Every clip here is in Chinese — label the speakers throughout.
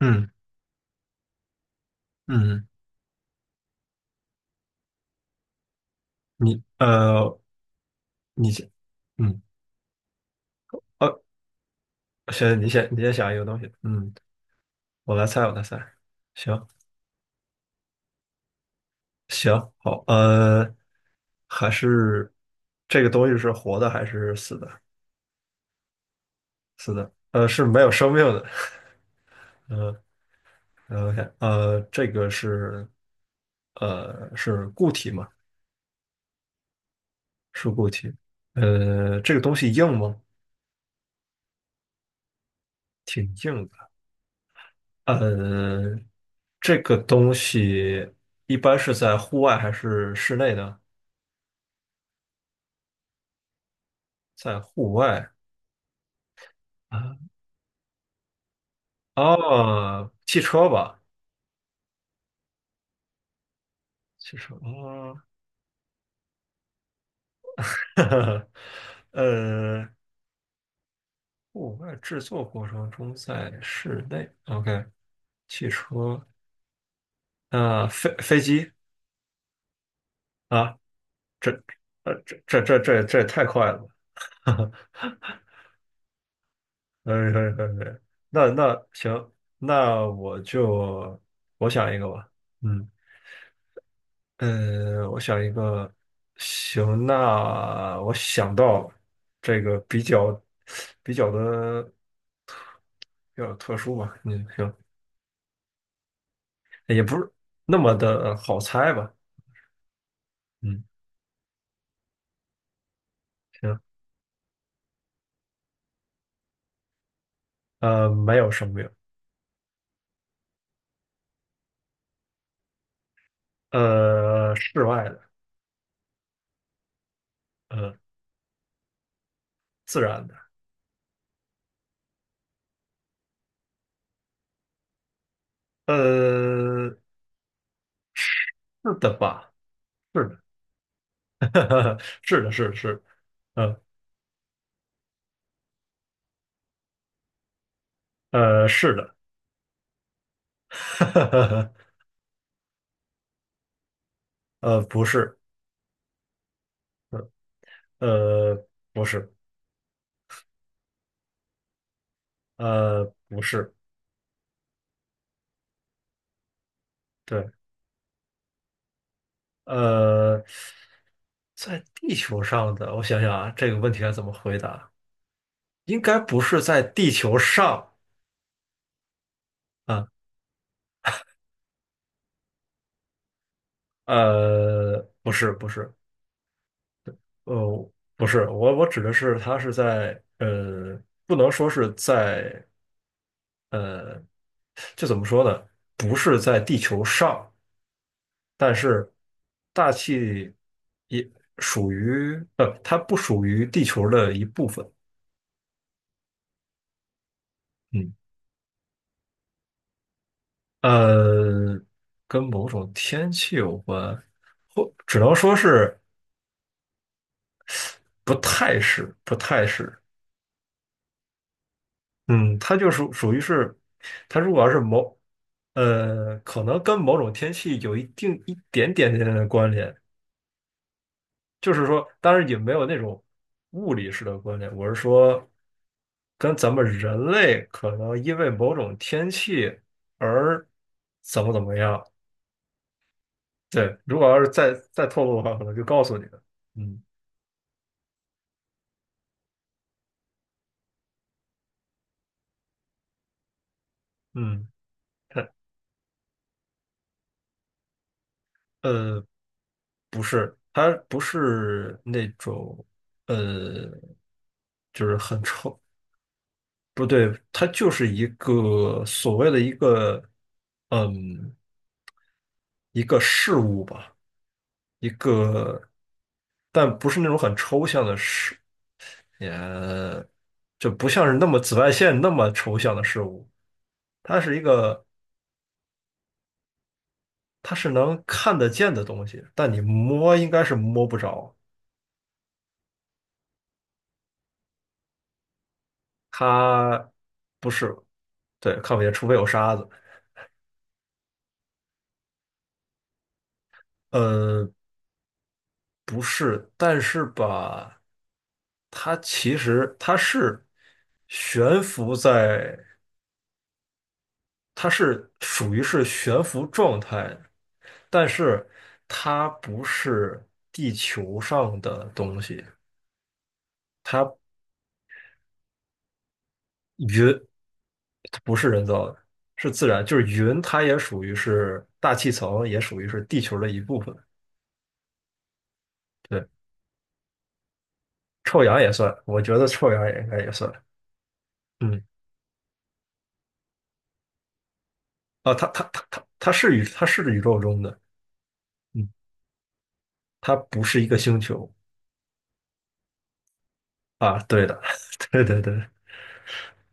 Speaker 1: 嗯嗯，你你先，嗯，哦，行，你先，你先想一个东西，嗯，我来猜，我来猜，行行，好，还是这个东西是活的还是死的？死的，是没有生命的。呃OK，这个是是固体嘛？是固体，这个东西硬吗？挺硬的。呃，这个东西一般是在户外还是室内呢？在户外啊，哦，汽车吧，汽车，哦，呵呵呃，户外制作过程中在室内，OK，汽车，啊，飞机啊，这，这也太快了，哈呃，那行，那我就我想一个吧，嗯。我想一个，行，那我想到这个比较的比较特殊吧，嗯，行，也不是那么的好猜吧，嗯，行，没有生命，室外的，呃，自然的，呃，是的吧？是的，是的，是的，是的，呃，是的，不是，呃，呃，不是，不是，对。呃，在地球上的，我想想啊，这个问题该怎么回答？应该不是在地球上。啊，不是，不是，不是，我指的是它是在，不能说是在，呃，这怎么说呢？不是在地球上，但是大气也属于，它不属于地球的一部分。嗯。呃，跟某种天气有关，或只能说是不太是，不太是。嗯，它就属属于是，它如果要是某，可能跟某种天气有一定一点点的关联，就是说，当然也没有那种物理式的关联。我是说，跟咱们人类可能因为某种天气而怎么样。对，如果要是再透露的话，可能就告诉你了。嗯。嗯，它呃不是，它不是那种呃，就是很臭，不对，它就是一个所谓的嗯一个事物吧，一个，但不是那种很抽象的事，也就不像是那么紫外线那么抽象的事物，它是一个，它是能看得见的东西，但你摸应该是摸不着。它不是，对，看不见，除非有沙子。呃，不是，但是吧，它其实悬浮在，它是属于是悬浮状态的，但是它不是地球上的东西，它云它不是人造的，是自然，就是云，它也属于是大气层，也属于是地球的一部分。对，臭氧也算，我觉得臭氧也应该也算。嗯，啊，它是宇宙中的，嗯，它不是一个星球。啊。对的，对对对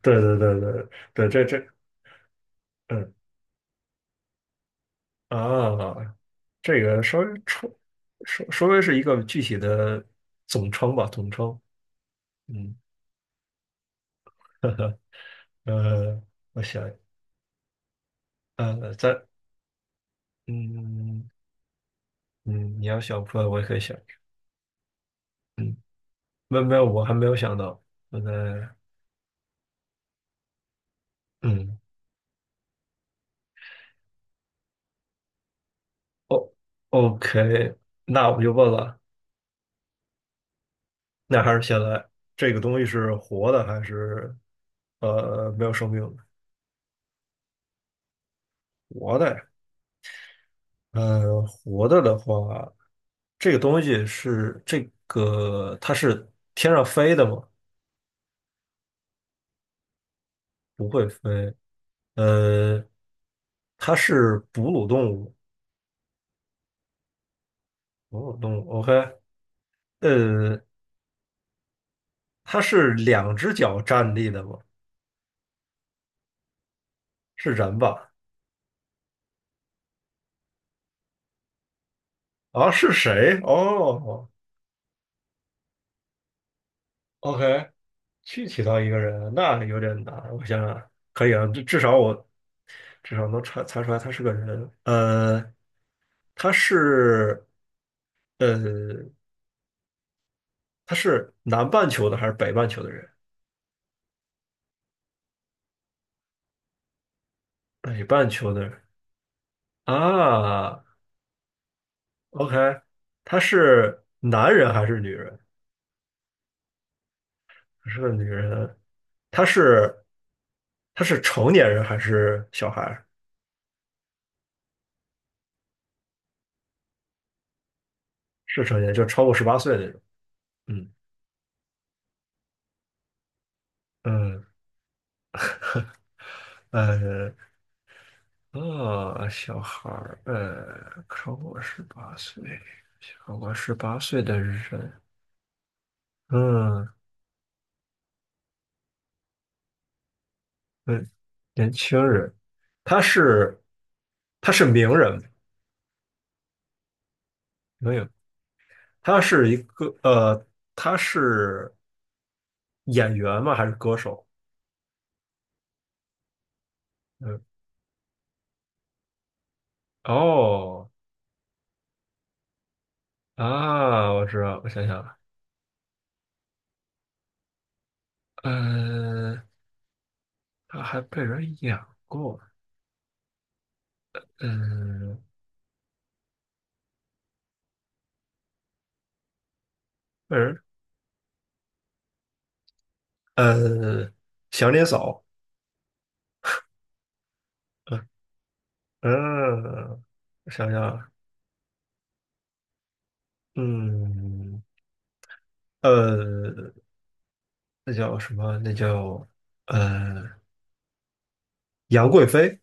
Speaker 1: 对对对对对，这这嗯啊，这个稍微是一个具体的总称吧，总称。嗯，呵呵，呃，我想呃，咱，嗯，嗯，你要想不出来，我也可以想。嗯，没有没有，我还没有想到。我在嗯，哦， OK，那我就问了。那还是现在这个东西是活的还是没有生命的？活的呀，活的的话，这个东西是这个它是天上飞的吗？不会飞，呃，它是哺乳动物，哺乳动物，OK，呃，它是两只脚站立的吗？是人吧？啊，是谁？哦哦，OK，具体到一个人，那有点难。我想想，可以啊，至少能查查出来他是个人。他是呃，他是南半球的还是北半球的人？北半球的人，啊，OK，他是男人还是女人？他是个女人。他是他是成年人还是小孩儿？是成年，就超过十八岁那种。嗯嗯，呃小孩儿超过十八岁，超过十八岁的人。嗯。嗯，年轻人，他是他是名人？没有，他是一个呃，他是演员吗？还是歌手？嗯，哦，啊，我知道，我想想，呃，他还被人演过，嗯，被人呃，祥林嫂？嗯嗯，我想想，嗯呃，那叫什么？呃，杨贵妃？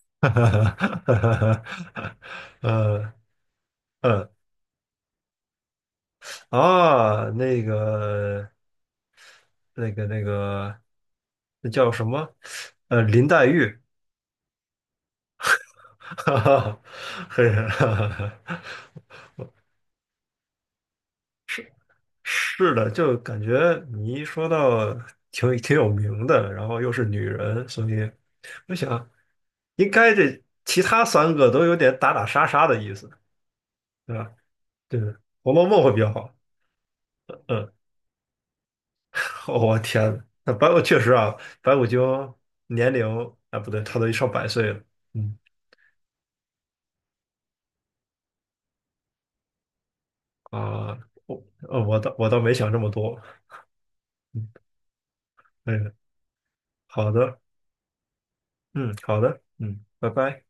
Speaker 1: 哈哈哈，呃呃啊，那个那个，那叫什么？林黛玉？哈哈，嘿，哈哈是是的，就感觉你一说到挺有名的，然后又是女人，所以我想应该这其他三个都有点打打杀杀的意思，对吧？对，《红楼梦》会比较好，嗯。我天呐，那白骨确实啊，白骨精年龄，啊不对，他都上百岁了。嗯，啊，我倒没想这么多。嗯，哎，好的，嗯，好的，嗯，拜拜。